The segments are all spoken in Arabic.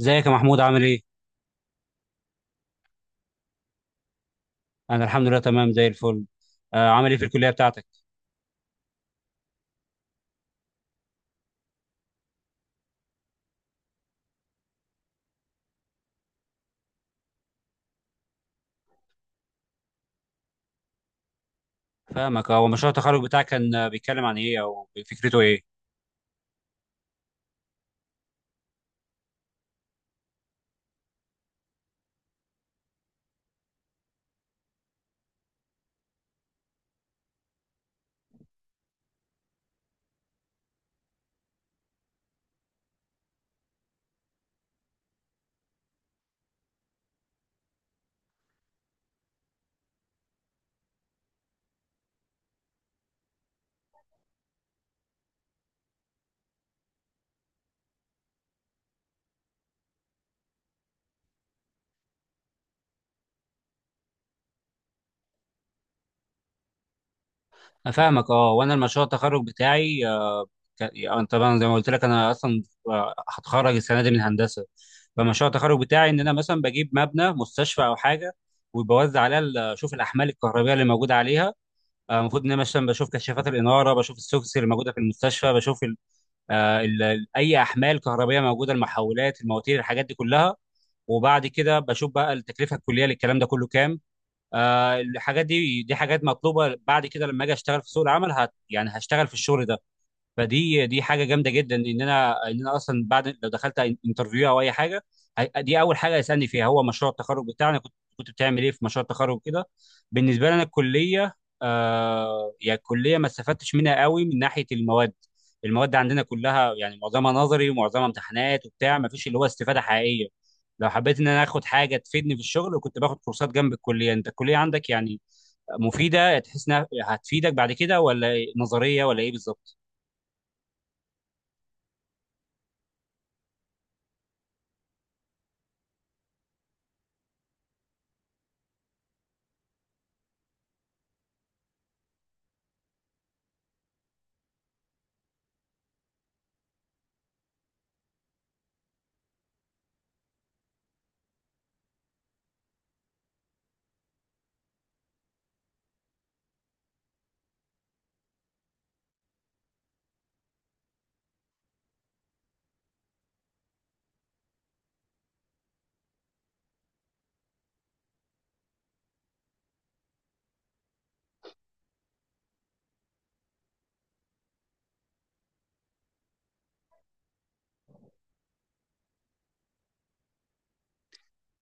ازيك يا محمود، عامل ايه؟ انا الحمد لله، تمام زي الفل. آه، عامل ايه في الكليه بتاعتك؟ فاهمك، اه. ومشروع التخرج بتاعك كان بيتكلم عن ايه، او فكرته ايه؟ أنا فاهمك، اه. وانا المشروع التخرج بتاعي آه، ك... آه، طبعا زي ما قلت لك، انا اصلا هتخرج السنه دي من هندسه. فمشروع التخرج بتاعي ان انا مثلا بجيب مبنى مستشفى او حاجه، وبوزع عليها اشوف الاحمال الكهربائيه اللي موجوده عليها. المفروض ان انا مثلا بشوف كشافات الاناره، بشوف السوفس اللي موجوده في المستشفى، بشوف اي احمال كهربائيه موجوده، المحولات، المواتير، الحاجات دي كلها. وبعد كده بشوف بقى التكلفه الكليه للكلام ده كله كام. الحاجات دي دي حاجات مطلوبه بعد كده لما اجي اشتغل في سوق العمل، يعني هشتغل في الشغل ده. فدي دي حاجه جامده جدا، ان انا اصلا بعد لو دخلت انترفيو او اي حاجه، دي اول حاجه هيسالني فيها هو مشروع التخرج بتاعنا. كنت بتعمل ايه في مشروع التخرج كده؟ بالنسبه لنا الكليه، يعني الكليه ما استفدتش منها قوي من ناحيه المواد. المواد عندنا كلها يعني معظمها نظري ومعظمها امتحانات وبتاع، ما فيش اللي هو استفاده حقيقيه. لو حبيت ان انا اخد حاجه تفيدني في الشغل، كنت باخد كورسات جنب الكليه. انت الكليه عندك يعني مفيده، تحس انها هتفيدك بعد كده، ولا نظريه، ولا ايه بالظبط؟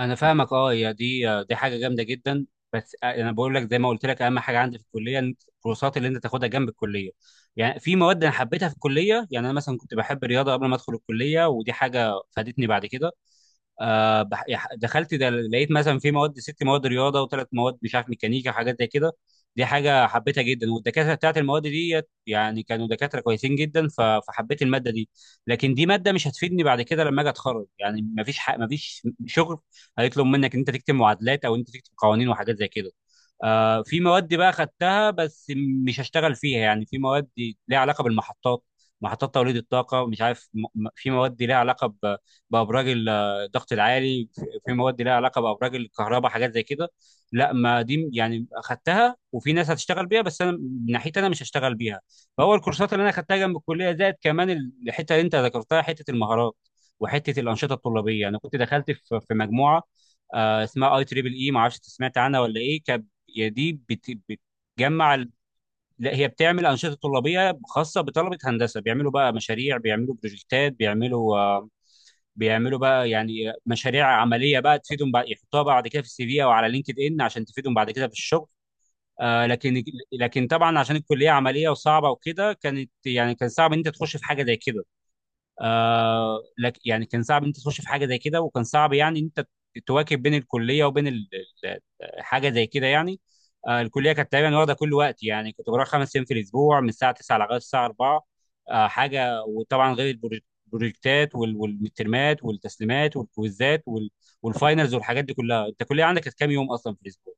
انا فاهمك، اه. يا دي دي حاجه جامده جدا. بس انا بقول لك، زي ما قلت لك، اهم حاجه عندي في الكليه إن الكورسات اللي انت تاخدها جنب الكليه. يعني في مواد انا حبيتها في الكليه، يعني انا مثلا كنت بحب الرياضه قبل ما ادخل الكليه، ودي حاجه فادتني بعد كده. دخلت ده لقيت مثلا في مواد ست مواد رياضه وثلاث مواد مش عارف ميكانيكا وحاجات زي كده. دي حاجه حبيتها جدا، والدكاتره بتاعت المواد دي يعني كانوا دكاتره كويسين جدا، فحبيت الماده دي. لكن دي ماده مش هتفيدني بعد كده لما اجي اتخرج، يعني ما فيش شغل هيطلب منك ان انت تكتب معادلات او انت تكتب قوانين وحاجات زي كده. آه، في مواد بقى خدتها بس مش هشتغل فيها. يعني في مواد ليها علاقه بالمحطات، محطات توليد الطاقه، مش عارف في مواد ليها علاقه بابراج الضغط العالي، في مواد لها علاقه بابراج الكهرباء، حاجات زي كده. لا، ما دي يعني اخدتها وفي ناس هتشتغل بيها، بس انا من ناحيتي انا مش هشتغل بيها. فهو الكورسات اللي انا اخدتها جنب الكليه، زائد كمان الحته اللي انت ذكرتها، حته المهارات وحته الانشطه الطلابيه. انا كنت دخلت في مجموعه اسمها اي تريبل اي، ما اعرفش انت سمعت عنها ولا ايه. كانت هي دي بتجمع لا، هي بتعمل انشطه طلابيه خاصه بطلبه هندسه. بيعملوا بقى مشاريع، بيعملوا بروجكتات، بيعملوا بيعملوا بقى يعني مشاريع عمليه بقى تفيدهم بعد، يحطوها بعد كده في السي في او على لينكد ان عشان تفيدهم بعد كده في الشغل. آه لكن لكن طبعا عشان الكليه عمليه وصعبه وكده، كانت يعني كان صعب ان انت تخش في حاجه زي كده. آه لك يعني كان صعب ان انت تخش في حاجه زي كده، وكان صعب يعني ان انت تواكب بين الكليه وبين ال- حاجه زي كده يعني. آه، الكليه كانت تقريبا واخده كل وقت، يعني كنت بروح خمس ايام في الاسبوع من الساعه 9 لغايه الساعه 4. آه حاجه وطبعا غير البروجكتات والمترمات والتسليمات والكويزات والفاينلز والحاجات دي كلها. انت الكليه عندك كانت كام يوم اصلا في الاسبوع؟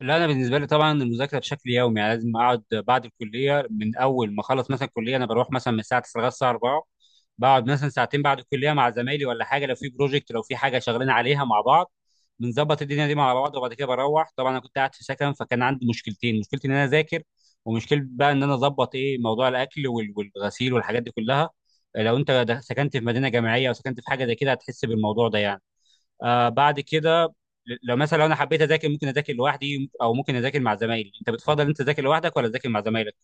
لا، انا بالنسبه لي طبعا المذاكره بشكل يومي، يعني لازم اقعد بعد الكليه. من اول ما اخلص مثلا الكليه، انا بروح مثلا من الساعه 9 لغايه الساعه 4. بقعد مثلا ساعتين بعد الكليه مع زمايلي ولا حاجه، لو في بروجكت، لو في حاجه شغالين عليها مع بعض. بنظبط الدنيا دي مع بعض. وبعد كده بروح، طبعا انا كنت قاعد في سكن، فكان عندي مشكلتين: مشكلتي ان انا اذاكر، ومشكله بقى ان انا اظبط ايه موضوع الاكل والغسيل والحاجات دي كلها. لو انت سكنت في مدينه جامعيه او سكنت في حاجه زي كده، هتحس بالموضوع ده يعني. آه، بعد كده لو مثلا انا حبيت اذاكر، ممكن اذاكر لوحدي او ممكن اذاكر مع زمايلي. انت بتفضل انت تذاكر لوحدك، ولا تذاكر مع زمايلك؟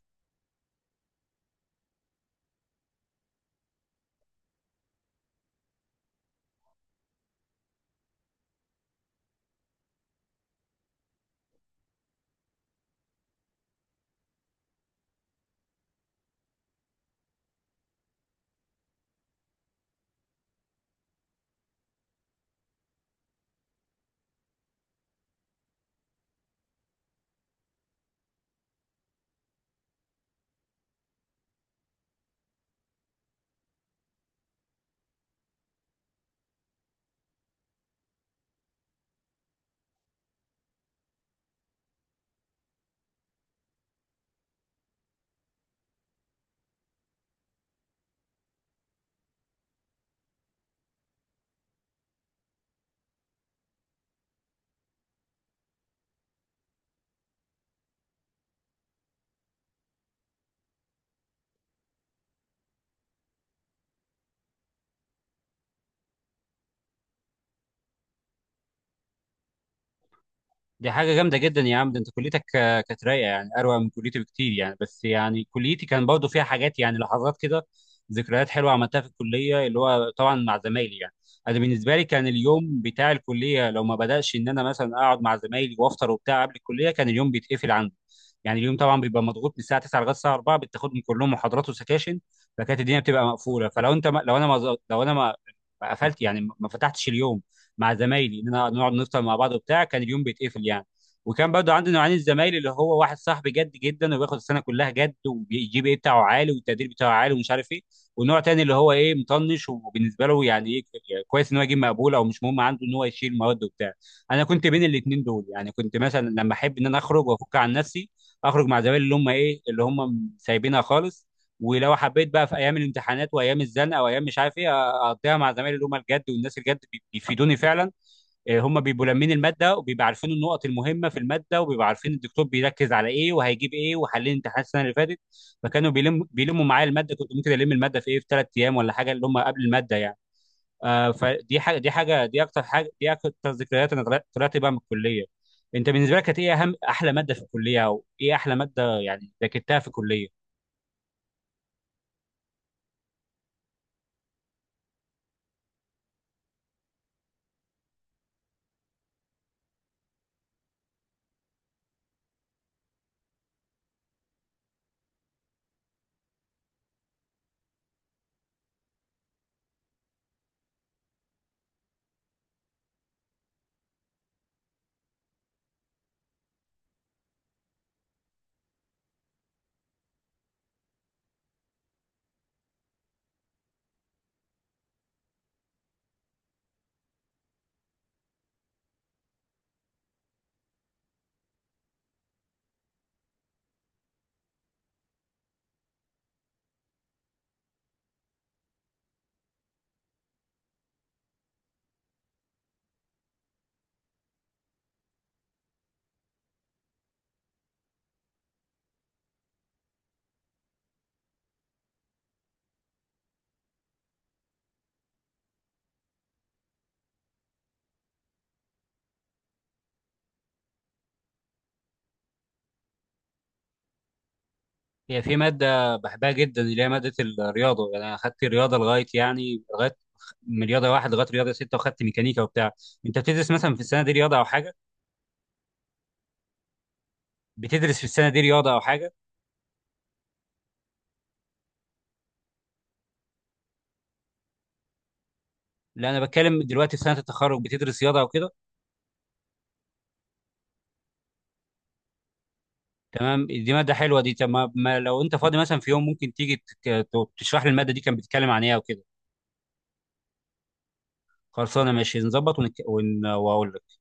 دي حاجة جامدة جدا يا عم. ده انت كليتك كانت رايقة، يعني اروع من كليتي بكتير يعني. بس يعني كليتي كان برضه فيها حاجات، يعني لحظات كده، ذكريات حلوة عملتها في الكلية اللي هو طبعا مع زمايلي يعني. انا بالنسبة لي كان اليوم بتاع الكلية لو ما بدأش ان انا مثلا اقعد مع زمايلي وافطر وبتاع قبل الكلية، كان اليوم بيتقفل عندي. يعني اليوم طبعا بيبقى مضغوط من الساعة 9 لغاية الساعة 4، بتاخد من كلهم محاضرات وسكاشن، فكانت الدنيا بتبقى مقفولة. فلو انت ما لو انا ما قفلت، يعني ما فتحتش اليوم مع زمايلي ان انا نقعد نفطر مع بعض وبتاع، كان اليوم بيتقفل يعني. وكان برضو عندي نوعين الزمايل: اللي هو واحد صاحبي جد جدا، وبياخد السنه كلها جد، وبيجيب ايه بتاعه عالي، والتقدير بتاعه عالي، ومش عارف ايه. والنوع تاني اللي هو ايه مطنش، وبالنسبه له يعني ايه كويس ان هو يجيب مقبول، او مش مهم عنده ان هو يشيل مواد وبتاع. انا كنت بين الاثنين دول. يعني كنت مثلا لما احب ان انا اخرج وافك عن نفسي، اخرج مع زمايلي اللي هم ايه، اللي هم سايبينها خالص. ولو حبيت بقى في ايام الامتحانات وايام الزنقه وايام مش عارف ايه، اقضيها مع زمايلي اللي هم الجد، والناس الجد بيفيدوني فعلا. آه، هم بيبقوا لامين الماده، وبيبقوا عارفين النقط المهمه في الماده، وبيبقوا عارفين الدكتور بيركز على ايه وهيجيب ايه، وحلين امتحانات السنه اللي فاتت. فكانوا بيلموا معايا الماده. كنت ممكن الم الماده في ايه، في ثلاث ايام ولا حاجه اللي هم قبل الماده يعني. فدي حاجه، دي حاجه دي اكتر حاجه دي اكتر ذكريات، انا طلعت بقى من الكليه. انت بالنسبه لك كانت ايه احلى ماده في الكليه، او ايه احلى ماده يعني ذاكرتها في الكليه؟ هي في مادة بحبها جدا، اللي هي مادة الرياضة. يعني أنا أخدت الرياضة لغاية من رياضة واحد لغاية رياضة ستة، وأخدت ميكانيكا وبتاع. أنت بتدرس مثلا في السنة دي رياضة أو حاجة؟ بتدرس في السنة دي رياضة أو حاجة؟ لا، أنا بتكلم دلوقتي في سنة التخرج، بتدرس رياضة أو كده؟ تمام، دي مادة حلوة دي. طب ما ما لو أنت فاضي مثلا في يوم، ممكن تيجي تك- تشرح لي المادة دي كانت بتتكلم عن إيه أو كده. خلصانة، ماشي، نظبط وأقول لك.